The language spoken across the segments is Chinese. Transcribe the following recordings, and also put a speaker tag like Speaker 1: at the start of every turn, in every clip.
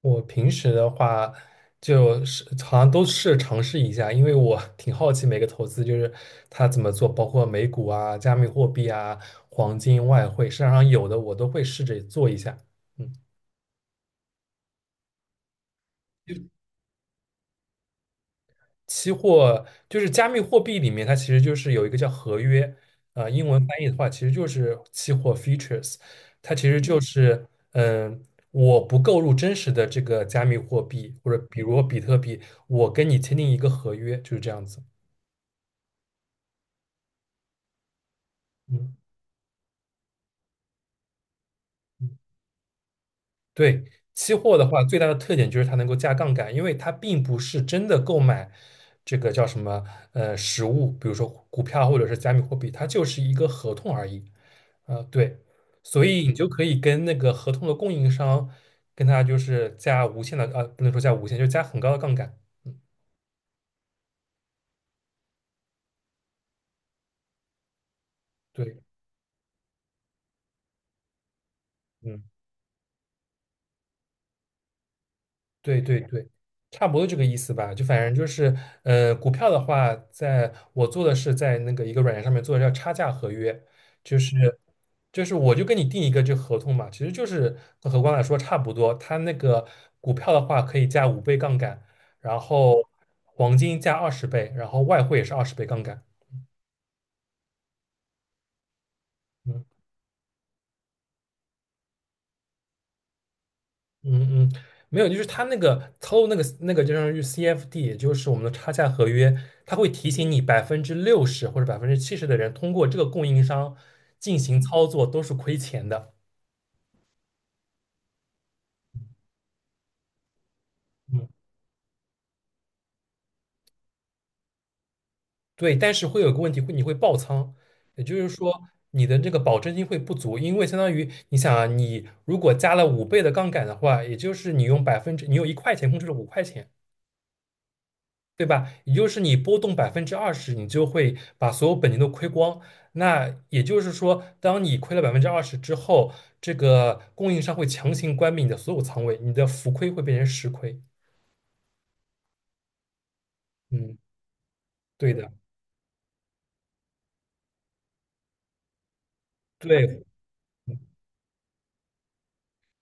Speaker 1: 我平时的话，就是好像都是尝试一下，因为我 挺好奇每个投资就是它怎么做，包括美股啊、加密货币啊、黄金、外汇，市场上有的我都会试着做一下。嗯。期货就是加密货币里面，它其实就是有一个叫合约，英文翻译的话其实就是期货 f e a t u r e s 它其实就是嗯。我不购入真实的这个加密货币，或者比如比特币，我跟你签订一个合约，就是这样子。嗯。对，期货的话，最大的特点就是它能够加杠杆，因为它并不是真的购买，这个叫什么实物，比如说股票或者是加密货币，它就是一个合同而已。啊、对，所以你就可以跟那个合同的供应商，跟他就是加无限的，不能说加无限，就加很高的杠杆。嗯。对。嗯。对对对，差不多这个意思吧。就反正就是，股票的话，在我做的是在那个一个软件上面做的叫差价合约，就是就是我就跟你定一个这合同嘛，其实就是跟合光来说差不多。它那个股票的话可以加五倍杠杆，然后黄金加二十倍，然后外汇也是20倍杠杆。嗯嗯嗯。没有，就是他那个操作那个就相当于 CFD,也就是我们的差价合约，它会提醒你60%或者70%的人通过这个供应商进行操作都是亏钱的。嗯。对，但是会有个问题，会你会爆仓，也就是说你的这个保证金会不足，因为相当于你想啊，你如果加了5倍的杠杆的话，也就是你用百分之你有1块钱控制了5块钱，对吧？也就是你波动百分之二十，你就会把所有本金都亏光。那也就是说，当你亏了百分之二十之后，这个供应商会强行关闭你的所有仓位，你的浮亏会变成实亏。嗯。对的，对，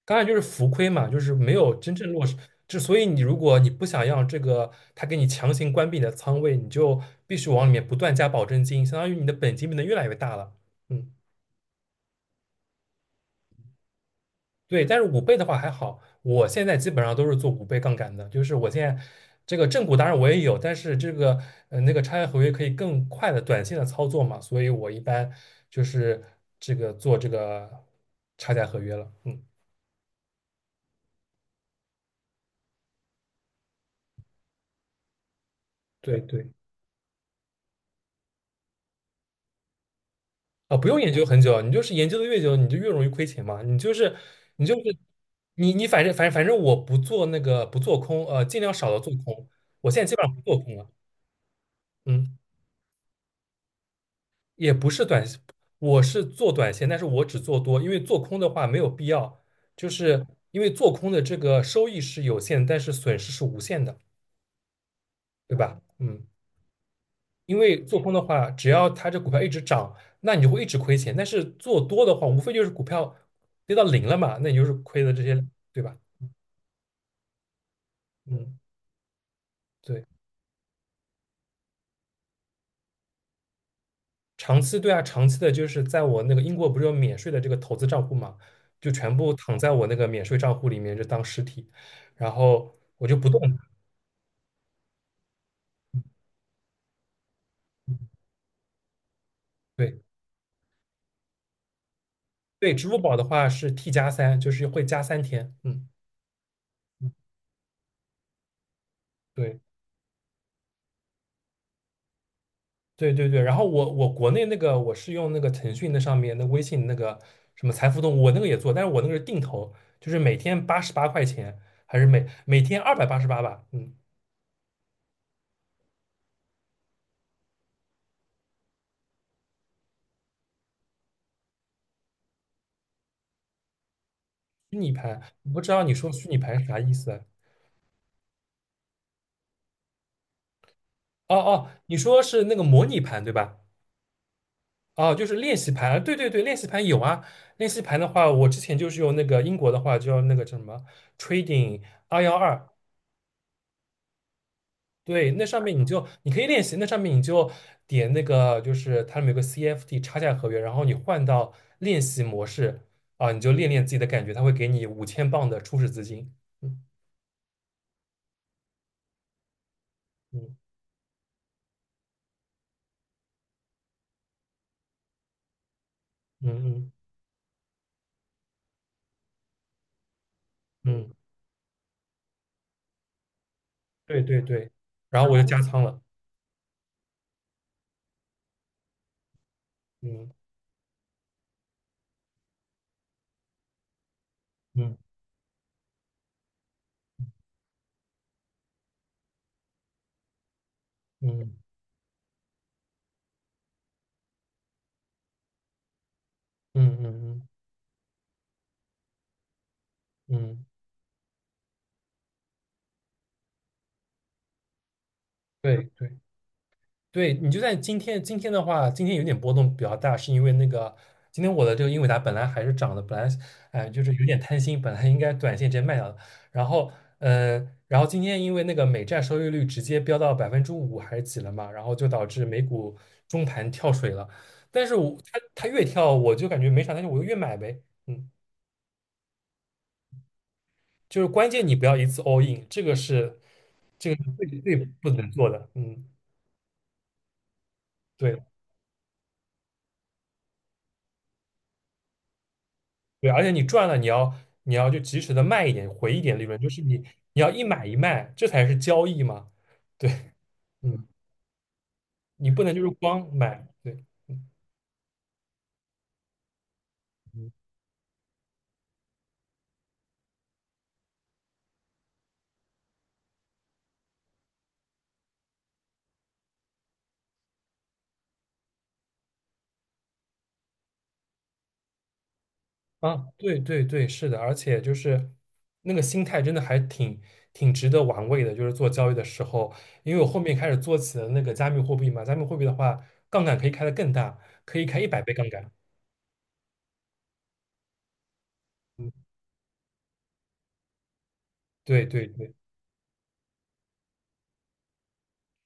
Speaker 1: 当然就是浮亏嘛，就是没有真正落实。之所以你如果你不想让这个他给你强行关闭你的仓位，你就必须往里面不断加保证金，相当于你的本金变得越来越大了。嗯。对，但是五倍的话还好，我现在基本上都是做五倍杠杆的，就是我现在这个正股当然我也有，但是这个那个差价合约可以更快的短线的操作嘛，所以我一般就是这个做这个差价合约了。嗯。对对。不用研究很久，你就是研究的越久，你就越容易亏钱嘛。你就是，你就是，你你反正反正反正我不做那个不做空，尽量少的做空。我现在基本上不做空了。嗯。也不是短，我是做短线，但是我只做多，因为做空的话没有必要，就是因为做空的这个收益是有限，但是损失是无限的，对吧？嗯。因为做空的话，只要它这股票一直涨，那你就会一直亏钱，但是做多的话，无非就是股票跌到零了嘛，那你就是亏的这些，对吧？嗯，对。长期对啊，长期的就是在我那个英国不是有免税的这个投资账户嘛，就全部躺在我那个免税账户里面，就当实体，然后我就不动。嗯。对对，支付宝的话是 T+3，就是会加3天。嗯。嗯，对对对对。然后我国内那个我是用那个腾讯那上面那微信那个什么财付通，我那个也做，但是我那个是定投，就是每天88块钱，还是每天288吧。嗯。虚拟盘，我不知道你说虚拟盘是啥意思啊。哦哦，你说是那个模拟盘对吧？哦，就是练习盘，对对对，练习盘有啊。练习盘的话，我之前就是用那个英国的话，就用那个叫什么 Trading 212，对，那上面你就你可以练习，那上面你就点那个，就是它里面有个 c f t 差价合约，然后你换到练习模式，啊，你就练练自己的感觉，它会给你5,000磅的初始资金。嗯嗯嗯嗯嗯。对对对，然后我就加仓了。嗯嗯嗯嗯嗯嗯嗯。对。对，你就在今天，今天的话，今天有点波动比较大，是因为那个今天我的这个英伟达本来还是涨的，本来哎就是有点贪心，本来应该短线直接卖掉的，然后然后今天因为那个美债收益率直接飙到5%还是几了嘛，然后就导致美股中盘跳水了，但是我它越跳我就感觉没啥，但是我又越买呗。嗯。就是关键你不要一次 all in,这个是最最不能做的。嗯，对。对，而且你赚了，你要就及时的卖一点，回一点利润，就是你你要一买一卖，这才是交易嘛。对。嗯，你不能就是光买，对。嗯。啊，对对对，是的，而且就是那个心态真的还挺值得玩味的，就是做交易的时候，因为我后面开始做起了那个加密货币嘛，加密货币的话，杠杆可以开得更大，可以开100倍杠杆。嗯，对对对。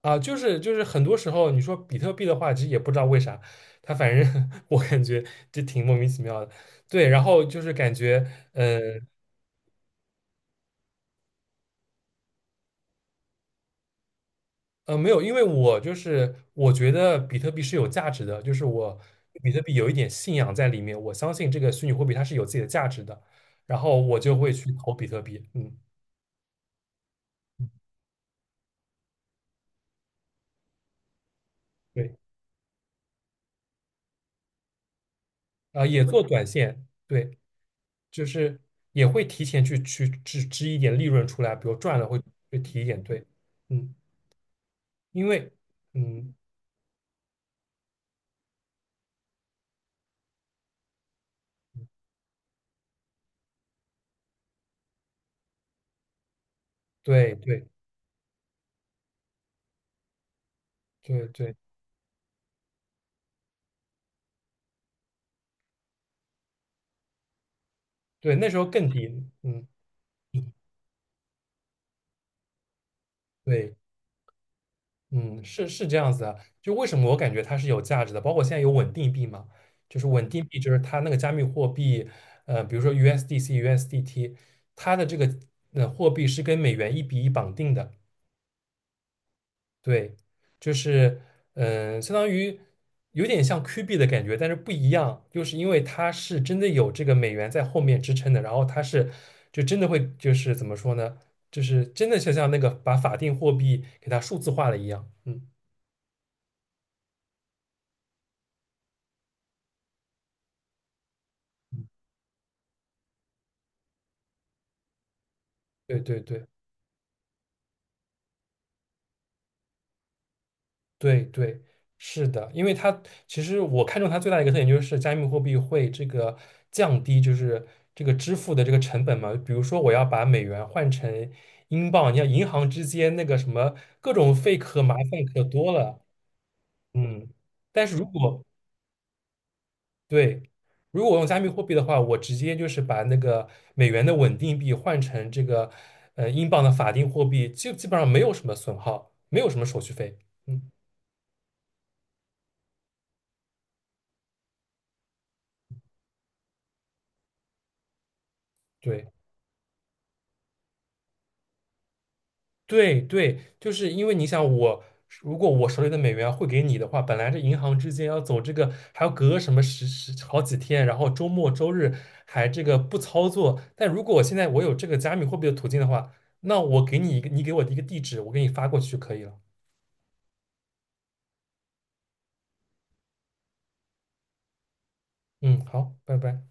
Speaker 1: 啊，就是很多时候你说比特币的话，其实也不知道为啥，它反正 我感觉就挺莫名其妙的。对，然后就是感觉，呃没有，因为我就是我觉得比特币是有价值的，就是我对比特币有一点信仰在里面，我相信这个虚拟货币它是有自己的价值的，然后我就会去投比特币。嗯，对，啊，也做短线，对，就是也会提前去支支一点利润出来，比如赚了会提一点，对。嗯。因为，嗯，对对对对对，那时候更低。嗯，对。嗯，是是这样子的。就为什么我感觉它是有价值的，包括现在有稳定币嘛，就是稳定币，就是它那个加密货币，比如说 USDC、USDT,它的这个货币是跟美元1:1绑定的。对，就是相当于有点像 Q 币的感觉，但是不一样，就是因为它是真的有这个美元在后面支撑的，然后它是就真的会就是怎么说呢，就是真的就像那个把法定货币给它数字化了一样。嗯，对对对。对对，是的，因为它其实我看中它最大的一个特点就是加密货币会这个降低就是这个支付的这个成本嘛。比如说我要把美元换成英镑，你看银行之间那个什么各种费可麻烦可多了。嗯，但是如果对，如果我用加密货币的话，我直接就是把那个美元的稳定币换成这个英镑的法定货币，基本上没有什么损耗，没有什么手续费。嗯，对。对对，就是因为你想我，如果我手里的美元会给你的话，本来这银行之间要走这个，还要隔什么十好几天，然后周末周日还这个不操作。但如果我现在我有这个加密货币的途径的话，那我给你一个，你给我的一个地址，我给你发过去就可以了。嗯，好，拜拜。